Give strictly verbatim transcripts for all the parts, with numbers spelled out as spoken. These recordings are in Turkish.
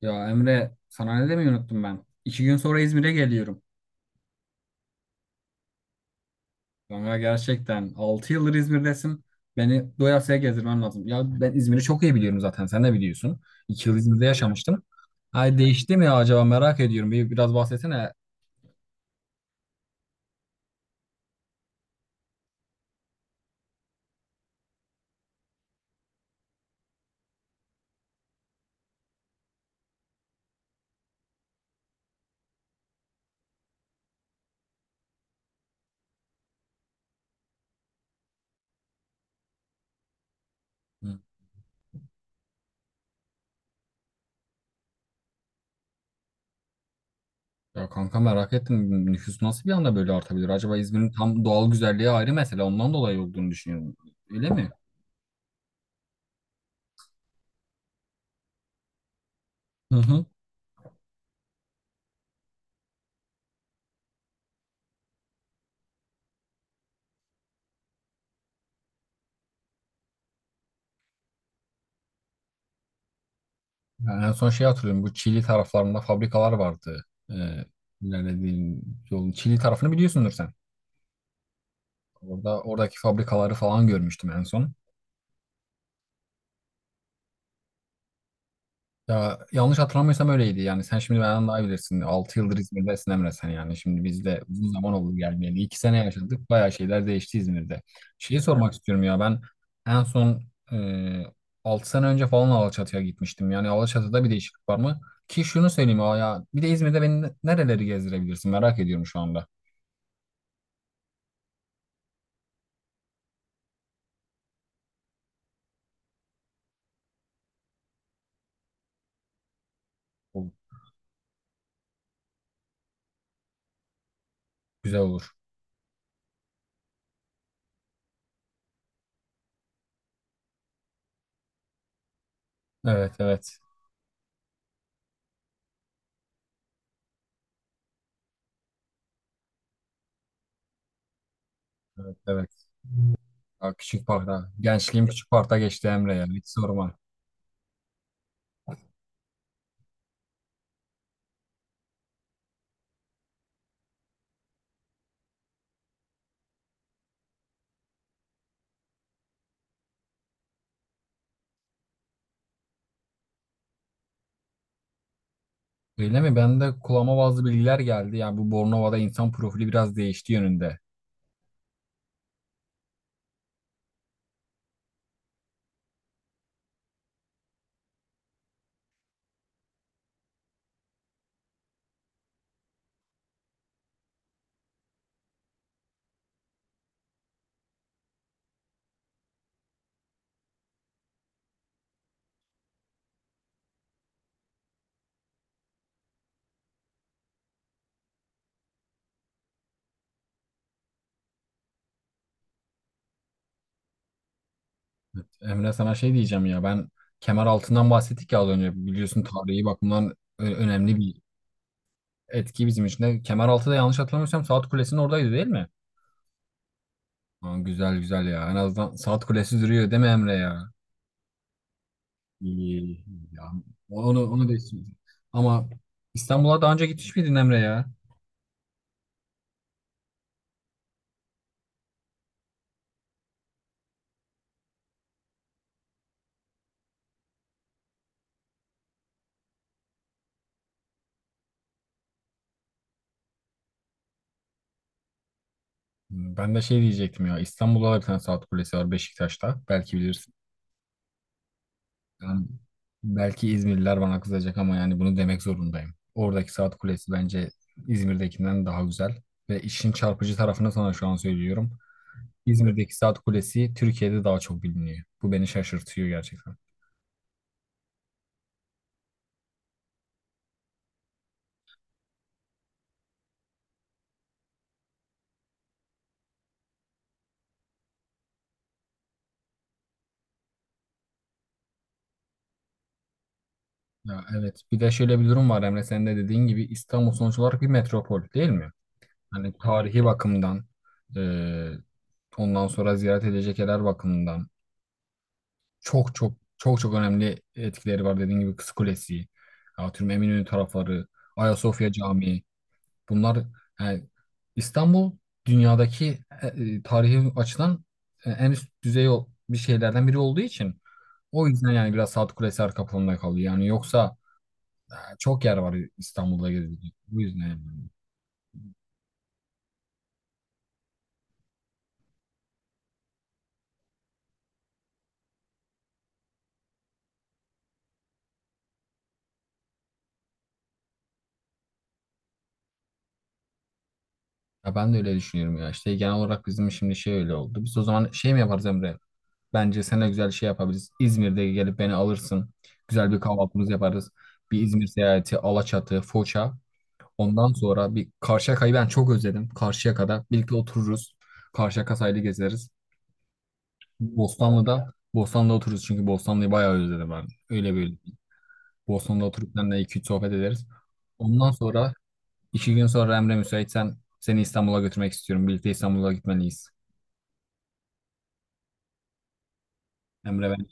Ya Emre sana ne demeyi unuttum ben. İki gün sonra İzmir'e geliyorum. Kanka gerçekten altı yıldır İzmir'desin. Beni doyasıya gezdirmen lazım. Ya ben İzmir'i çok iyi biliyorum zaten. Sen de biliyorsun. İki yıl İzmir'de yaşamıştım. Ay değişti mi ya acaba merak ediyorum. Bir, biraz bahsetsene. Hı. Ya kanka merak ettim. Nüfus nasıl bir anda böyle artabilir? Acaba İzmir'in tam doğal güzelliği ayrı mesele. Ondan dolayı olduğunu düşünüyorum. Öyle mi? Hı hı. Yani en son şey hatırlıyorum. Bu Çili taraflarında fabrikalar vardı. Ee, ilerlediğin yolun Çili tarafını biliyorsundur sen. Orada oradaki fabrikaları falan görmüştüm en son. Ya yanlış hatırlamıyorsam öyleydi. Yani sen şimdi benden daha iyi bilirsin. Altı yıldır İzmir'desin Emre sen yani. Şimdi biz de uzun zaman oldu gelmeyeli. iki sene yaşadık. Bayağı şeyler değişti İzmir'de. Şeyi sormak istiyorum ya ben en son e, altı sene önce falan Alaçatı'ya gitmiştim. Yani Alaçatı'da bir değişiklik var mı? Ki şunu söyleyeyim ya bir de İzmir'de beni nereleri gezdirebilirsin merak ediyorum şu anda. Olur. Güzel olur. Evet, evet. Evet, evet. Ya küçük parkta. Gençliğim küçük parkta geçti Emre ya. Hiç sorma. Öyle mi? Ben de kulağıma bazı bilgiler geldi. Yani bu Bornova'da insan profili biraz değişti yönünde. Evet. Emre sana şey diyeceğim ya. Ben kemer altından bahsettik ya az önce. Biliyorsun tarihi bakımdan ö- önemli bir etki bizim için de. Kemer altı da yanlış hatırlamıyorsam Saat Kulesi'nin oradaydı değil mi? Aa, güzel güzel ya. En azından Saat Kulesi duruyor değil mi Emre ya? İyi, iyi, iyi ya. Onu, onu da istiyorum. Ama İstanbul'a daha önce gitmiş miydin Emre ya? Ben de şey diyecektim ya. İstanbul'da da bir tane saat kulesi var Beşiktaş'ta. Belki bilirsin. Yani belki İzmirliler bana kızacak ama yani bunu demek zorundayım. Oradaki saat kulesi bence İzmir'dekinden daha güzel. Ve işin çarpıcı tarafını sana şu an söylüyorum. İzmir'deki saat kulesi Türkiye'de daha çok biliniyor. Bu beni şaşırtıyor gerçekten. Ya evet. Bir de şöyle bir durum var Emre. Sen de dediğin gibi İstanbul sonuç olarak bir metropol değil mi? Hani tarihi bakımdan, e, ondan sonra ziyaret edilecek yerler bakımından çok çok çok çok önemli etkileri var. Dediğim gibi Kız Kulesi, atıyorum Eminönü tarafları, Ayasofya Camii. Bunlar yani İstanbul dünyadaki e, e, tarihi açıdan e, en üst düzey o- bir şeylerden biri olduğu için o yüzden yani biraz Saat Kulesi arka planda kalıyor. Yani yoksa e, çok yer var İstanbul'da gezilecek. Bu yüzden yani. Ya ben de öyle düşünüyorum ya. İşte genel olarak bizim şimdi şey öyle oldu. Biz o zaman şey mi yaparız Emre? Bence seninle güzel şey yapabiliriz. İzmir'de gelip beni alırsın. Güzel bir kahvaltımız yaparız. Bir İzmir seyahati, Alaçatı, Foça. Ondan sonra bir Karşıyaka'yı ben çok özledim. Karşıyaka'da birlikte otururuz. Karşıyaka sahili gezeriz. Bostanlı'da Bostanlı'da otururuz çünkü Bostanlı'yı bayağı özledim ben. Öyle böyle. Bostanlı'da oturup seninle iki üç sohbet ederiz. Ondan sonra iki gün sonra Emre müsaitsen seni İstanbul'a götürmek istiyorum. Birlikte İstanbul'a gitmeliyiz. Emre ben.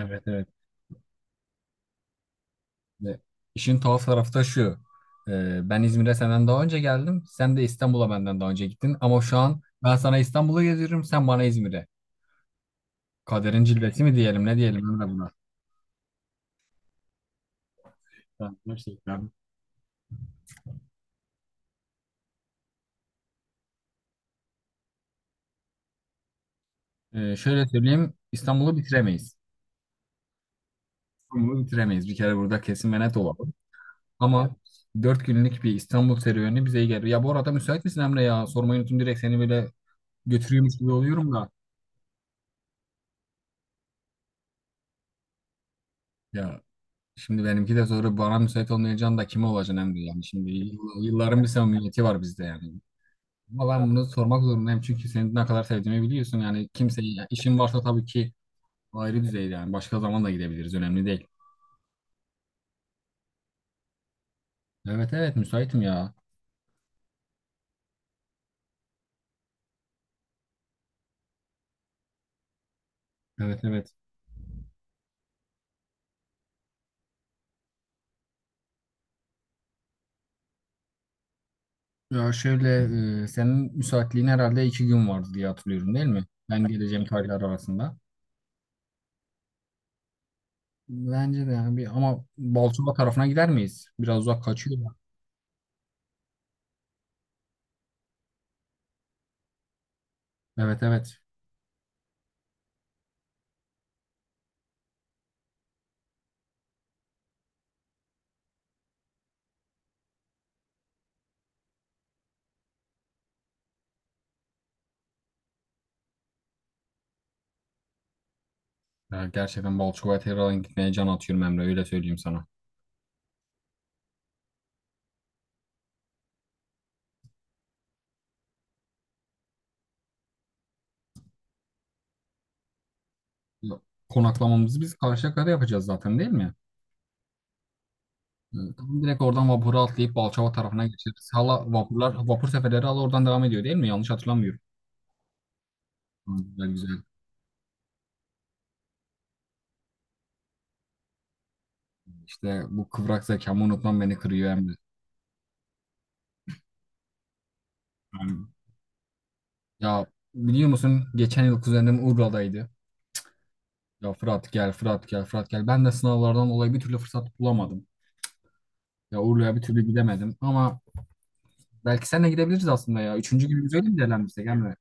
Evet evet. Ve İşin tuhaf tarafı da şu. Ee, ben İzmir'e senden daha önce geldim. Sen de İstanbul'a benden daha önce gittin. Ama şu an ben sana İstanbul'u geziyorum. Sen bana İzmir'e. Kaderin cilvesi mi diyelim ne diyelim Emre buna. Ben gerçekten Ee, şöyle söyleyeyim. İstanbul'u bitiremeyiz. İstanbul'u bitiremeyiz. Bir kere burada kesin ve net olalım. Ama dört günlük bir İstanbul serüveni bize iyi gelir. Ya bu arada müsait misin Emre ya? Sormayı unuttum direkt seni böyle götürüyormuş gibi oluyorum da. Ya şimdi benimki de soru bana müsait olmayacağım da kime olacaksın Emre yani. Şimdi yıll- yılların bir samimiyeti var bizde yani. Ama ben bunu sormak zorundayım çünkü senin ne kadar sevdiğimi biliyorsun. Yani kimseyi yani işin varsa tabii ki ayrı düzeyde yani. Başka zaman da gidebiliriz. Önemli değil. Evet evet müsaitim ya. Evet evet. Ya şöyle e, senin müsaitliğin herhalde iki gün vardı diye hatırlıyorum değil mi? Ben geleceğim tarihler arasında. Bence de yani bir ama Balçova tarafına gider miyiz? Biraz uzak kaçıyor. Evet evet. Ya gerçekten Balçova'ya gitmeye can atıyorum Emre öyle söyleyeyim sana. Ya, konaklamamızı biz Karşıyaka'da yapacağız zaten değil mi? Ee, tamam, direkt oradan vapura atlayıp Balçova tarafına geçeriz. Hala vapurlar, vapur seferleri hala oradan devam ediyor değil mi? Yanlış hatırlamıyorum. Ha, güzel güzel. İşte bu kıvrak zekamı unutmam beni kırıyor Emre. Yani, ya biliyor musun geçen yıl kuzenim Urla'daydı. Ya Fırat gel, Fırat gel, Fırat gel. Ben de sınavlardan dolayı bir türlü fırsat bulamadım. Ya Urla'ya bir türlü gidemedim ama belki seninle gidebiliriz aslında ya. Üçüncü günümüzü öyle mi değerlendirsek Emre?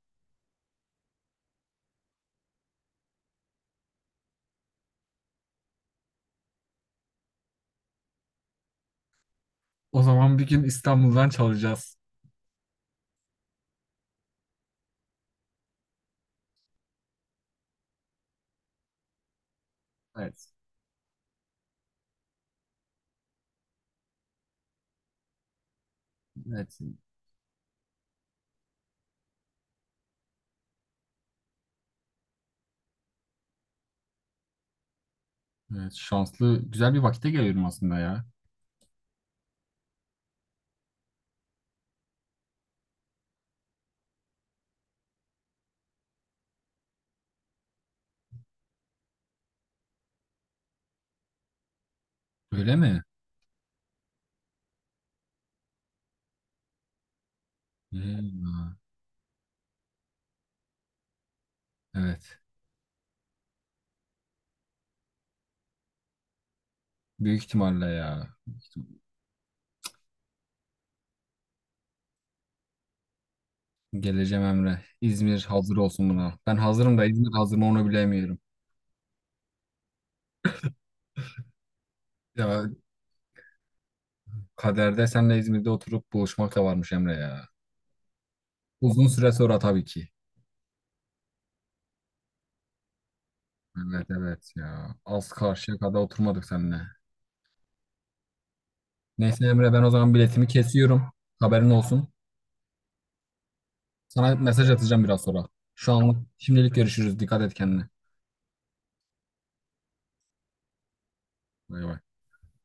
O zaman bir gün İstanbul'dan çalacağız. Evet. Evet. Evet, şanslı, güzel bir vakite geliyorum aslında ya. Öyle mi? Hmm, evet. Büyük ihtimalle ya. Büyük ihtim- Geleceğim Emre. İzmir hazır olsun buna. Ben hazırım da İzmir hazır mı onu bilemiyorum. Ya kaderde senle İzmir'de oturup buluşmak da varmış Emre ya. Uzun süre sonra tabii ki. Evet evet ya. Az karşıya kadar oturmadık seninle. Neyse Emre ben o zaman biletimi kesiyorum. Haberin olsun. Sana mesaj atacağım biraz sonra. Şu anlık şimdilik görüşürüz. Dikkat et kendine. Bay bay.